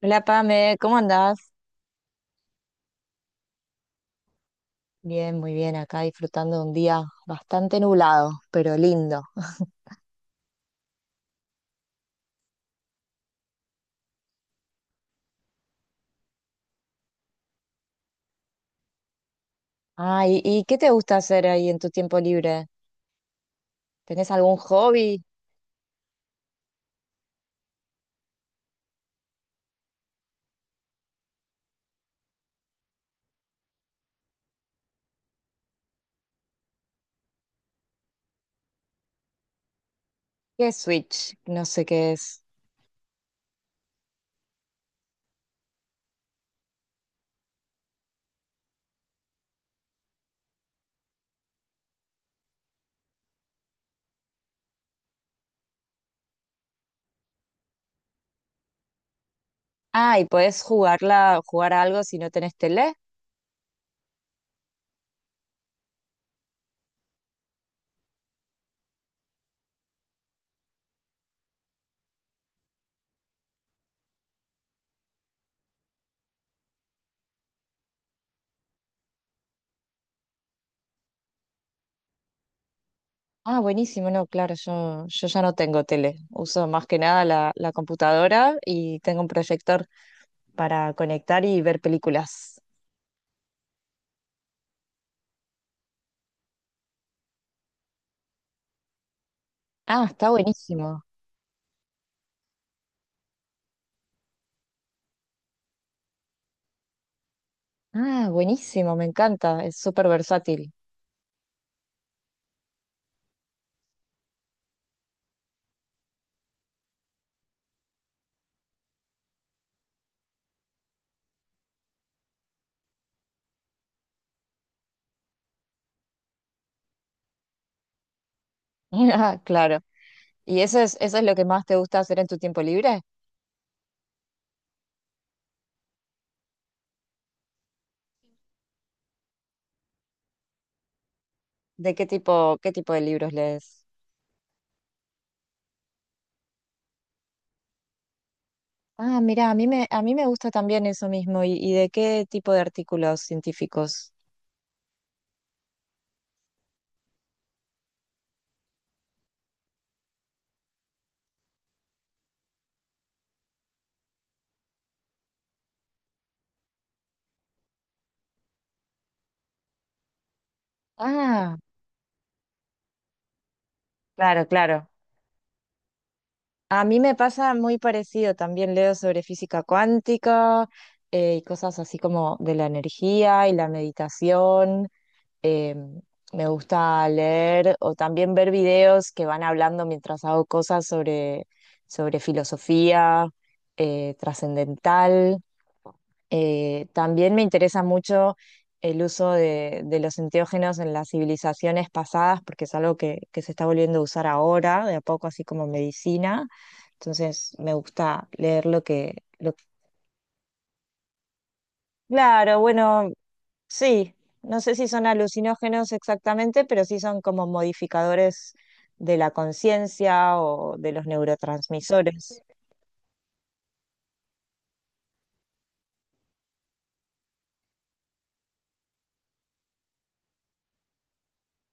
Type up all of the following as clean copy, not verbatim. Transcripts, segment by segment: Hola Pame, ¿cómo andás? Bien, muy bien, acá disfrutando de un día bastante nublado, pero lindo. Ay, ¿y qué te gusta hacer ahí en tu tiempo libre? ¿Tenés algún hobby? ¿Qué es Switch? No sé qué es. Ah, ¿y podés jugarla, jugar a algo si no tenés tele? Ah, buenísimo, no, claro, yo ya no tengo tele. Uso más que nada la computadora y tengo un proyector para conectar y ver películas. Ah, está buenísimo. Ah, buenísimo, me encanta, es súper versátil. Claro. ¿Y eso es lo que más te gusta hacer en tu tiempo libre? ¿De qué tipo de libros lees? Ah, mira, a mí me gusta también eso mismo. ¿Y de qué tipo de artículos científicos? Ah, claro, claro. A mí me pasa muy parecido. También leo sobre física cuántica, y cosas así como de la energía y la meditación. Eh, Me gusta leer o también ver videos que van hablando mientras hago cosas sobre, sobre filosofía, trascendental. También me interesa mucho el uso de los enteógenos en las civilizaciones pasadas, porque es algo que se está volviendo a usar ahora, de a poco, así como medicina. Entonces me gusta leer lo que, claro, bueno, sí, no sé si son alucinógenos exactamente, pero sí son como modificadores de la conciencia o de los neurotransmisores.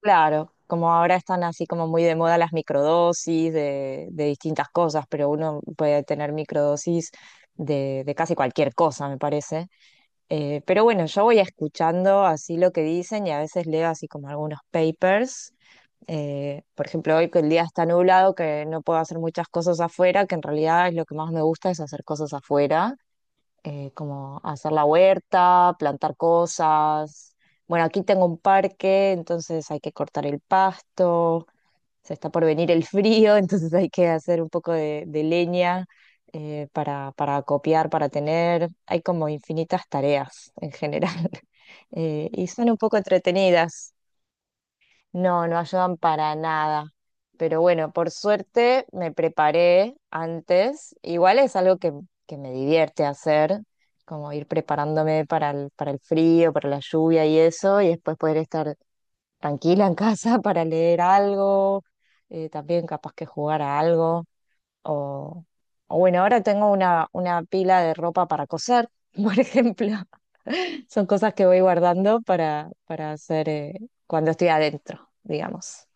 Claro, como ahora están así como muy de moda las microdosis de distintas cosas, pero uno puede tener microdosis de casi cualquier cosa, me parece. Pero bueno, yo voy escuchando así lo que dicen y a veces leo así como algunos papers. Por ejemplo, hoy que el día está nublado, que no puedo hacer muchas cosas afuera, que en realidad es lo que más me gusta es hacer cosas afuera, como hacer la huerta, plantar cosas. Bueno, aquí tengo un parque, entonces hay que cortar el pasto, se está por venir el frío, entonces hay que hacer un poco de leña, para copiar, para tener. Hay como infinitas tareas en general. Y son un poco entretenidas. No, no ayudan para nada. Pero bueno, por suerte me preparé antes. Igual es algo que me divierte hacer, como ir preparándome para el frío, para la lluvia y eso, y después poder estar tranquila en casa para leer algo, también capaz que jugar a algo. O, o bueno, ahora tengo una pila de ropa para coser, por ejemplo. Son cosas que voy guardando para hacer, cuando estoy adentro, digamos.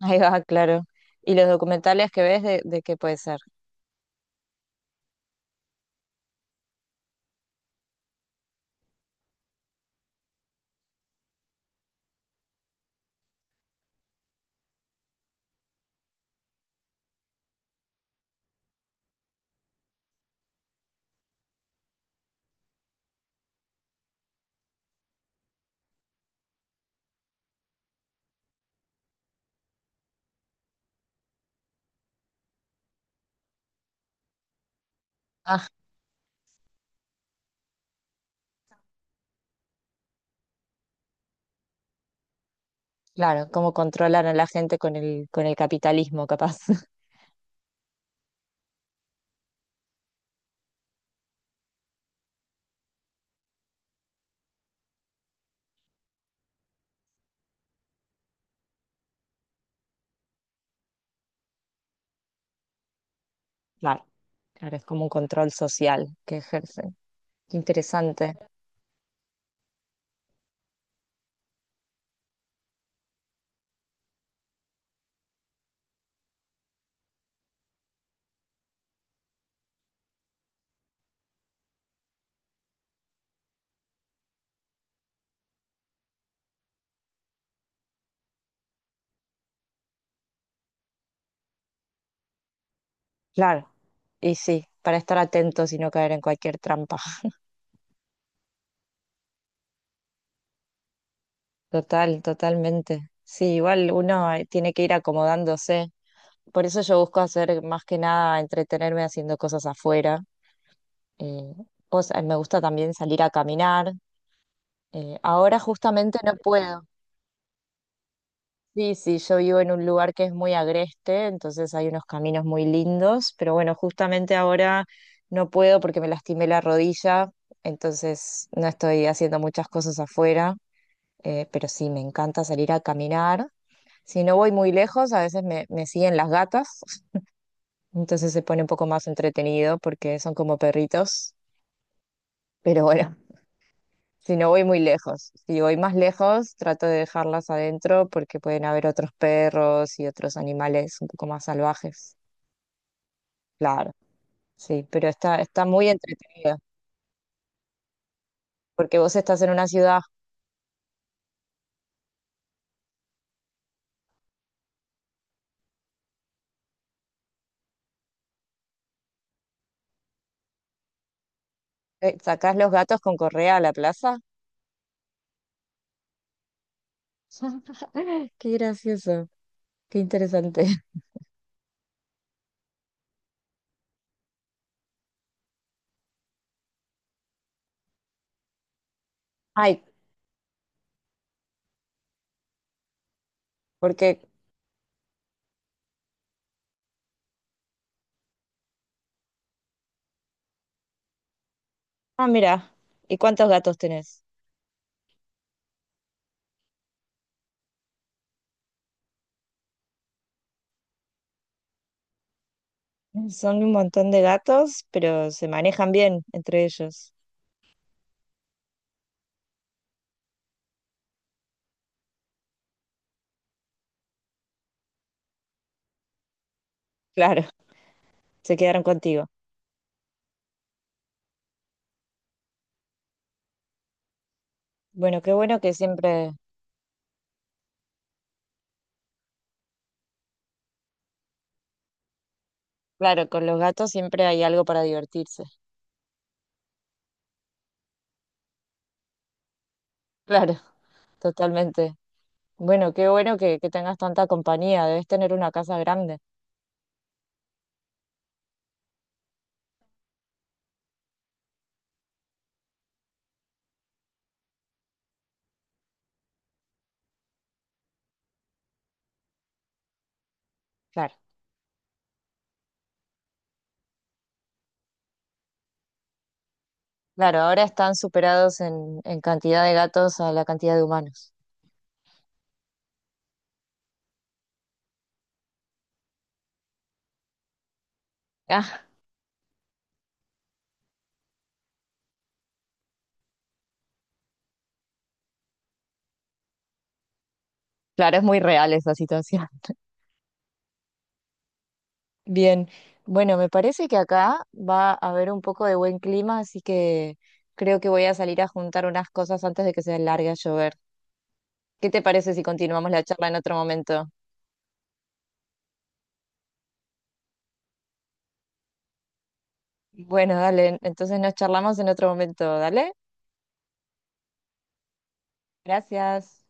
Ahí va, claro. ¿Y los documentales que ves de qué puede ser? Ah, claro, cómo controlan a la gente con el capitalismo, capaz. Claro, claro, es como un control social que ejercen. Qué interesante. Claro, y sí, para estar atentos y no caer en cualquier trampa. Total, totalmente. Sí, igual uno, tiene que ir acomodándose. Por eso yo busco hacer más que nada entretenerme haciendo cosas afuera, eh, o sea, me gusta también salir a caminar. Ahora justamente no puedo. Sí, sí, yo vivo en un lugar que es muy agreste, entonces hay unos caminos muy lindos, pero bueno, justamente ahora no puedo porque me lastimé la rodilla, entonces no estoy haciendo muchas cosas afuera, pero sí, me encanta salir a caminar. Si no voy muy lejos, a veces me siguen las gatas, entonces se pone un poco más entretenido porque son como perritos, pero bueno, si no voy muy lejos, si voy más lejos, trato de dejarlas adentro porque pueden haber otros perros y otros animales un poco más salvajes. Claro, sí, pero está, está muy entretenida porque vos estás en una ciudad, sacás los gatos con correa a la plaza. Qué gracioso, qué interesante. Ay, porque, ah, mira, ¿y cuántos gatos tenés? Son un montón de gatos, pero se manejan bien entre ellos. Claro, se quedaron contigo. Bueno, qué bueno que siempre. Claro, con los gatos siempre hay algo para divertirse. Claro, totalmente. Bueno, qué bueno que tengas tanta compañía. Debes tener una casa grande. Claro, claro, ahora están superados en cantidad de gatos a la cantidad de humanos. Ah, claro, es muy real esa situación. Bien, bueno, me parece que acá va a haber un poco de buen clima, así que creo que voy a salir a juntar unas cosas antes de que se largue a llover. ¿Qué te parece si continuamos la charla en otro momento? Bueno, dale, entonces nos charlamos en otro momento, dale. Gracias.